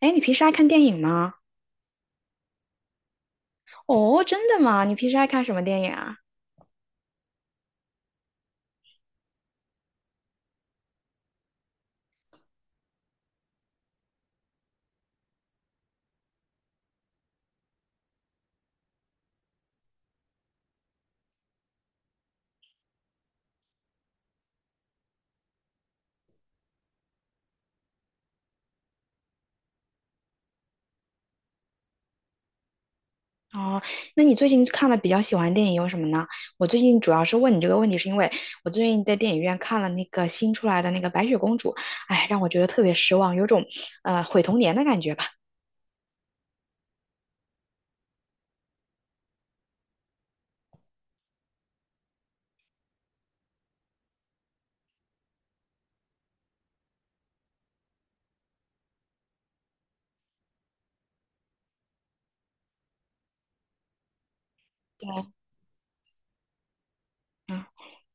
哎，你平时爱看电影吗？哦，真的吗？你平时爱看什么电影啊？哦，那你最近看的比较喜欢的电影有什么呢？我最近主要是问你这个问题，是因为我最近在电影院看了那个新出来的那个《白雪公主》，哎，让我觉得特别失望，有种毁童年的感觉吧。对，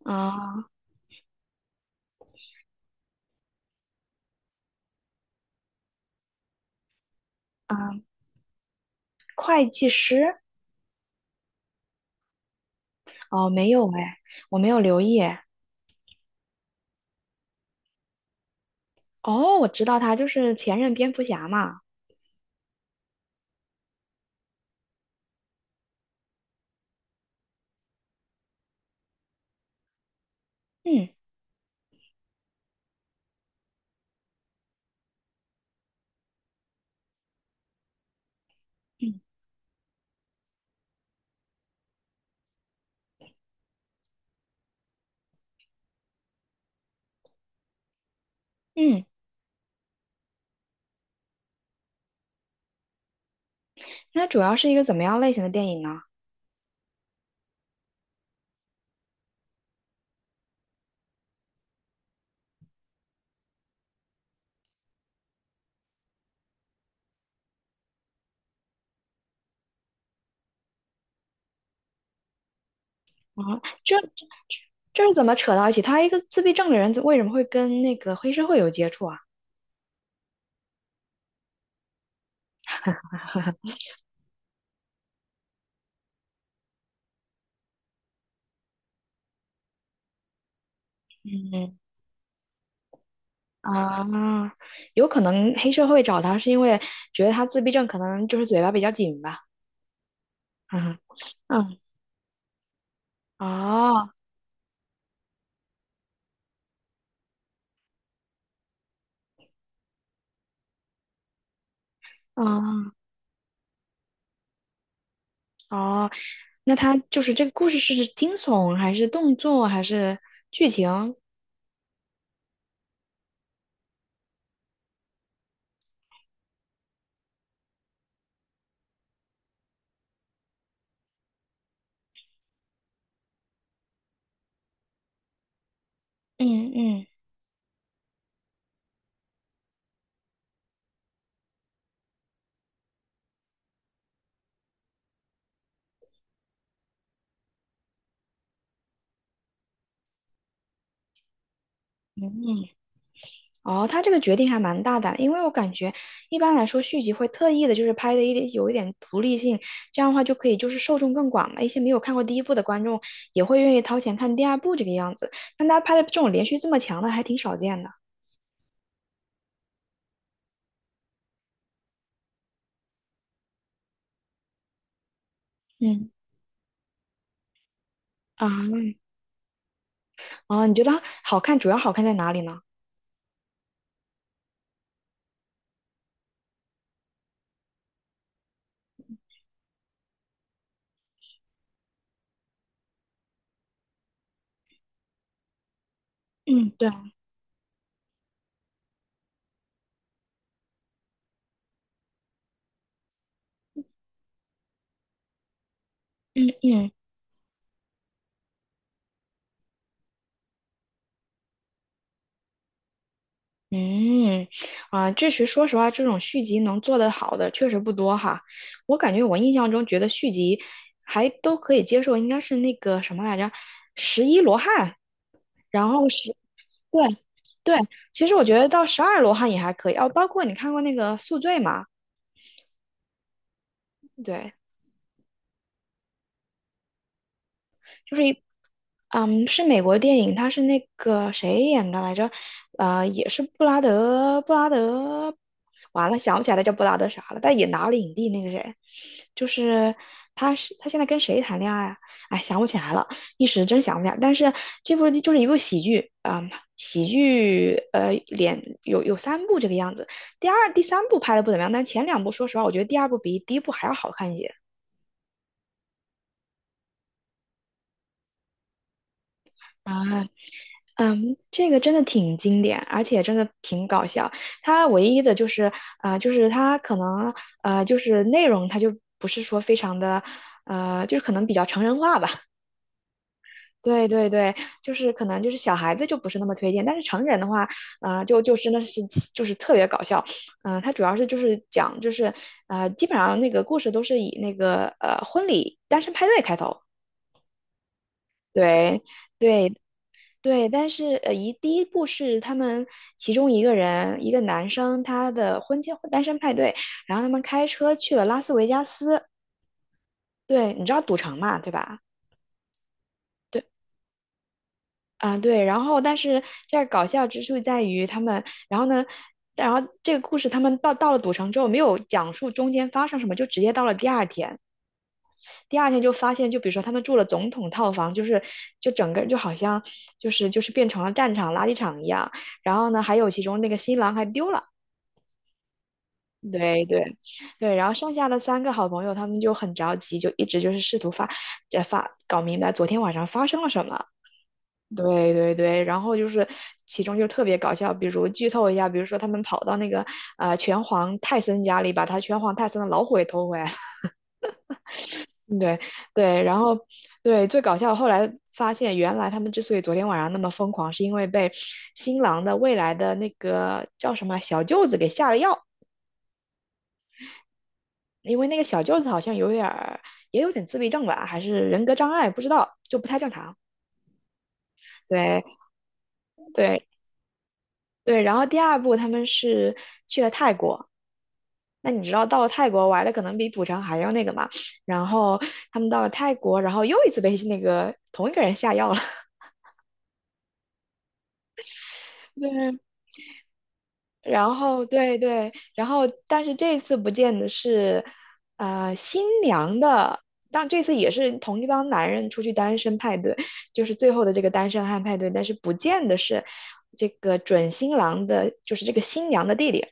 啊啊，会计师？哦，没有哎，我没有留意哎。哦，我知道他就是前任蝙蝠侠嘛。嗯嗯嗯，那主要是一个怎么样类型的电影呢？啊，这是怎么扯到一起？他一个自闭症的人，为什么会跟那个黑社会有接触啊？嗯啊，有可能黑社会找他是因为觉得他自闭症，可能就是嘴巴比较紧吧。嗯嗯哦哦哦，那他就是这个故事是惊悚还是动作还是剧情？嗯嗯嗯哦，他这个决定还蛮大胆，因为我感觉一般来说续集会特意的，就是拍的一点有一点独立性，这样的话就可以就是受众更广嘛，一些没有看过第一部的观众也会愿意掏钱看第二部这个样子。但他拍的这种连续这么强的还挺少见的。嗯啊，哦，你觉得好看，主要好看在哪里呢？嗯，对，嗯嗯。嗯，啊，确实，说实话，这种续集能做得好的确实不多哈。我感觉我印象中觉得续集还都可以接受，应该是那个什么来着，十一罗汉，然后十，对对，其实我觉得到十二罗汉也还可以哦，包括你看过那个《宿醉》吗？对，就是一，嗯，是美国电影，它是那个谁演的来着？也是布拉德，完了想不起来他叫布拉德啥了，但也拿了影帝那个谁，就是他是他现在跟谁谈恋爱啊？哎，想不起来了，一时真想不起来。但是这部就是一部喜剧，嗯，喜剧，连有三部这个样子，第二、第三部拍的不怎么样，但前两部说实话，我觉得第二部比第一部还要好看一些。啊，嗯，这个真的挺经典，而且真的挺搞笑。它唯一的就是，就是它可能，就是内容它就不是说非常的，就是可能比较成人化吧。对对对，就是可能就是小孩子就不是那么推荐，但是成人的话，啊，就真的是就是特别搞笑。它主要是就是讲就是，基本上那个故事都是以那个婚礼单身派对开头。对，对，对，但是第一部是他们其中一个人，一个男生，他的婚前单身派对，然后他们开车去了拉斯维加斯，对，你知道赌城嘛，对吧？对，啊、对，然后但是这儿搞笑之处在于他们，然后呢，然后这个故事他们到了赌城之后，没有讲述中间发生什么，就直接到了第二天，第二天就发现，就比如说他们住了总统套房，就是就整个就好像就是变成了战场垃圾场一样，然后呢，还有其中那个新郎还丢了。对对对，然后剩下的三个好朋友，他们就很着急，就一直就是试图发，呃发搞明白昨天晚上发生了什么。对对对，然后就是其中就特别搞笑，比如剧透一下，比如说他们跑到那个拳皇泰森家里，把他拳皇泰森的老虎给偷回来了。对对，然后对最搞笑，后来发现原来他们之所以昨天晚上那么疯狂，是因为被新郎的未来的那个叫什么来小舅子给下了药。因为那个小舅子好像有点儿，也有点自闭症吧，还是人格障碍，不知道，就不太正常。对对对，然后第二部他们是去了泰国，那你知道到了泰国玩的可能比赌城还要那个嘛？然后他们到了泰国，然后又一次被那个同一个人下药了。对然后对对，然后但是这次不见的是，新娘的，但这次也是同一帮男人出去单身派对，就是最后的这个单身汉派对，但是不见的是这个准新郎的，就是这个新娘的弟弟。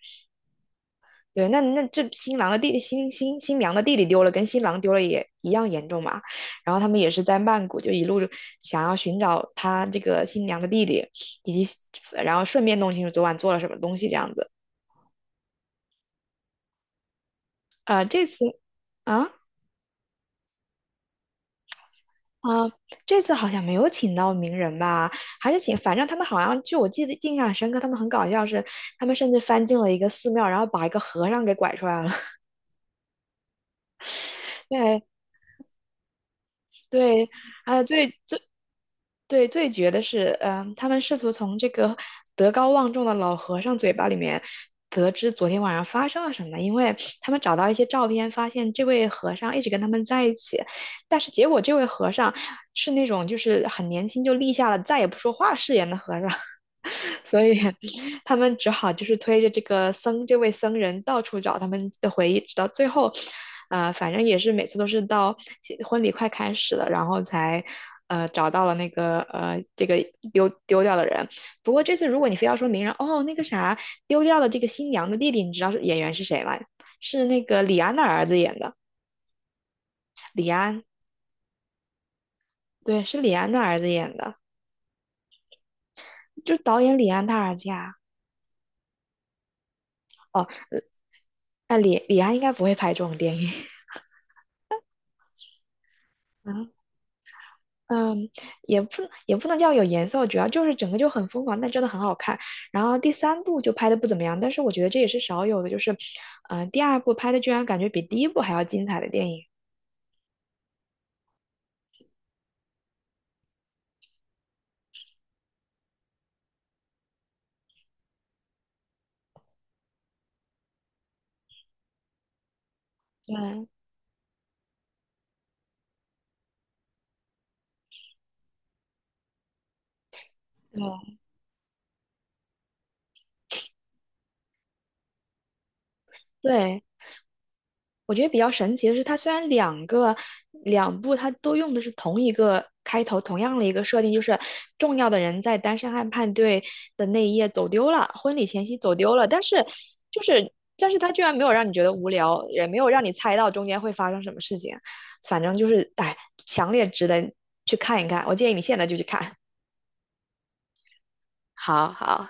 对，那那这新郎的弟弟，新新新娘的弟弟丢了，跟新郎丢了也一样严重嘛。然后他们也是在曼谷就一路想要寻找他这个新娘的弟弟，以及然后顺便弄清楚昨晚做了什么东西这样子。啊，这次啊啊，好像没有请到名人吧？还是请，反正他们好像就我记得印象很深刻，他们很搞笑是，他们甚至翻进了一个寺庙，然后把一个和尚给拐出来了。对对，啊，对，最绝的是，嗯，他们试图从这个德高望重的老和尚嘴巴里面得知昨天晚上发生了什么，因为他们找到一些照片，发现这位和尚一直跟他们在一起，但是结果这位和尚是那种就是很年轻就立下了再也不说话誓言的和尚，所以他们只好就是推着这个僧这位僧人到处找他们的回忆，直到最后，反正也是每次都是到婚礼快开始了，然后才找到了这个丢掉的人。不过这次如果你非要说明人，哦，那个啥丢掉了这个新娘的弟弟，你知道是演员是谁吗？是那个李安的儿子演的，李安，对，是李安的儿子演的，就导演李安他儿子呀。哦，那李安应该不会拍这种电影嗯。嗯，也不也不能叫有颜色，主要就是整个就很疯狂，但真的很好看。然后第三部就拍的不怎么样，但是我觉得这也是少有的，就是，第二部拍的居然感觉比第一部还要精彩的电影。对对。对，我觉得比较神奇的是，它虽然两部它都用的是同一个开头，同样的一个设定，就是重要的人在单身汉派对的那一夜走丢了，婚礼前夕走丢了，但是它居然没有让你觉得无聊，也没有让你猜到中间会发生什么事情，反正就是哎，强烈值得去看一看，我建议你现在就去看。好好。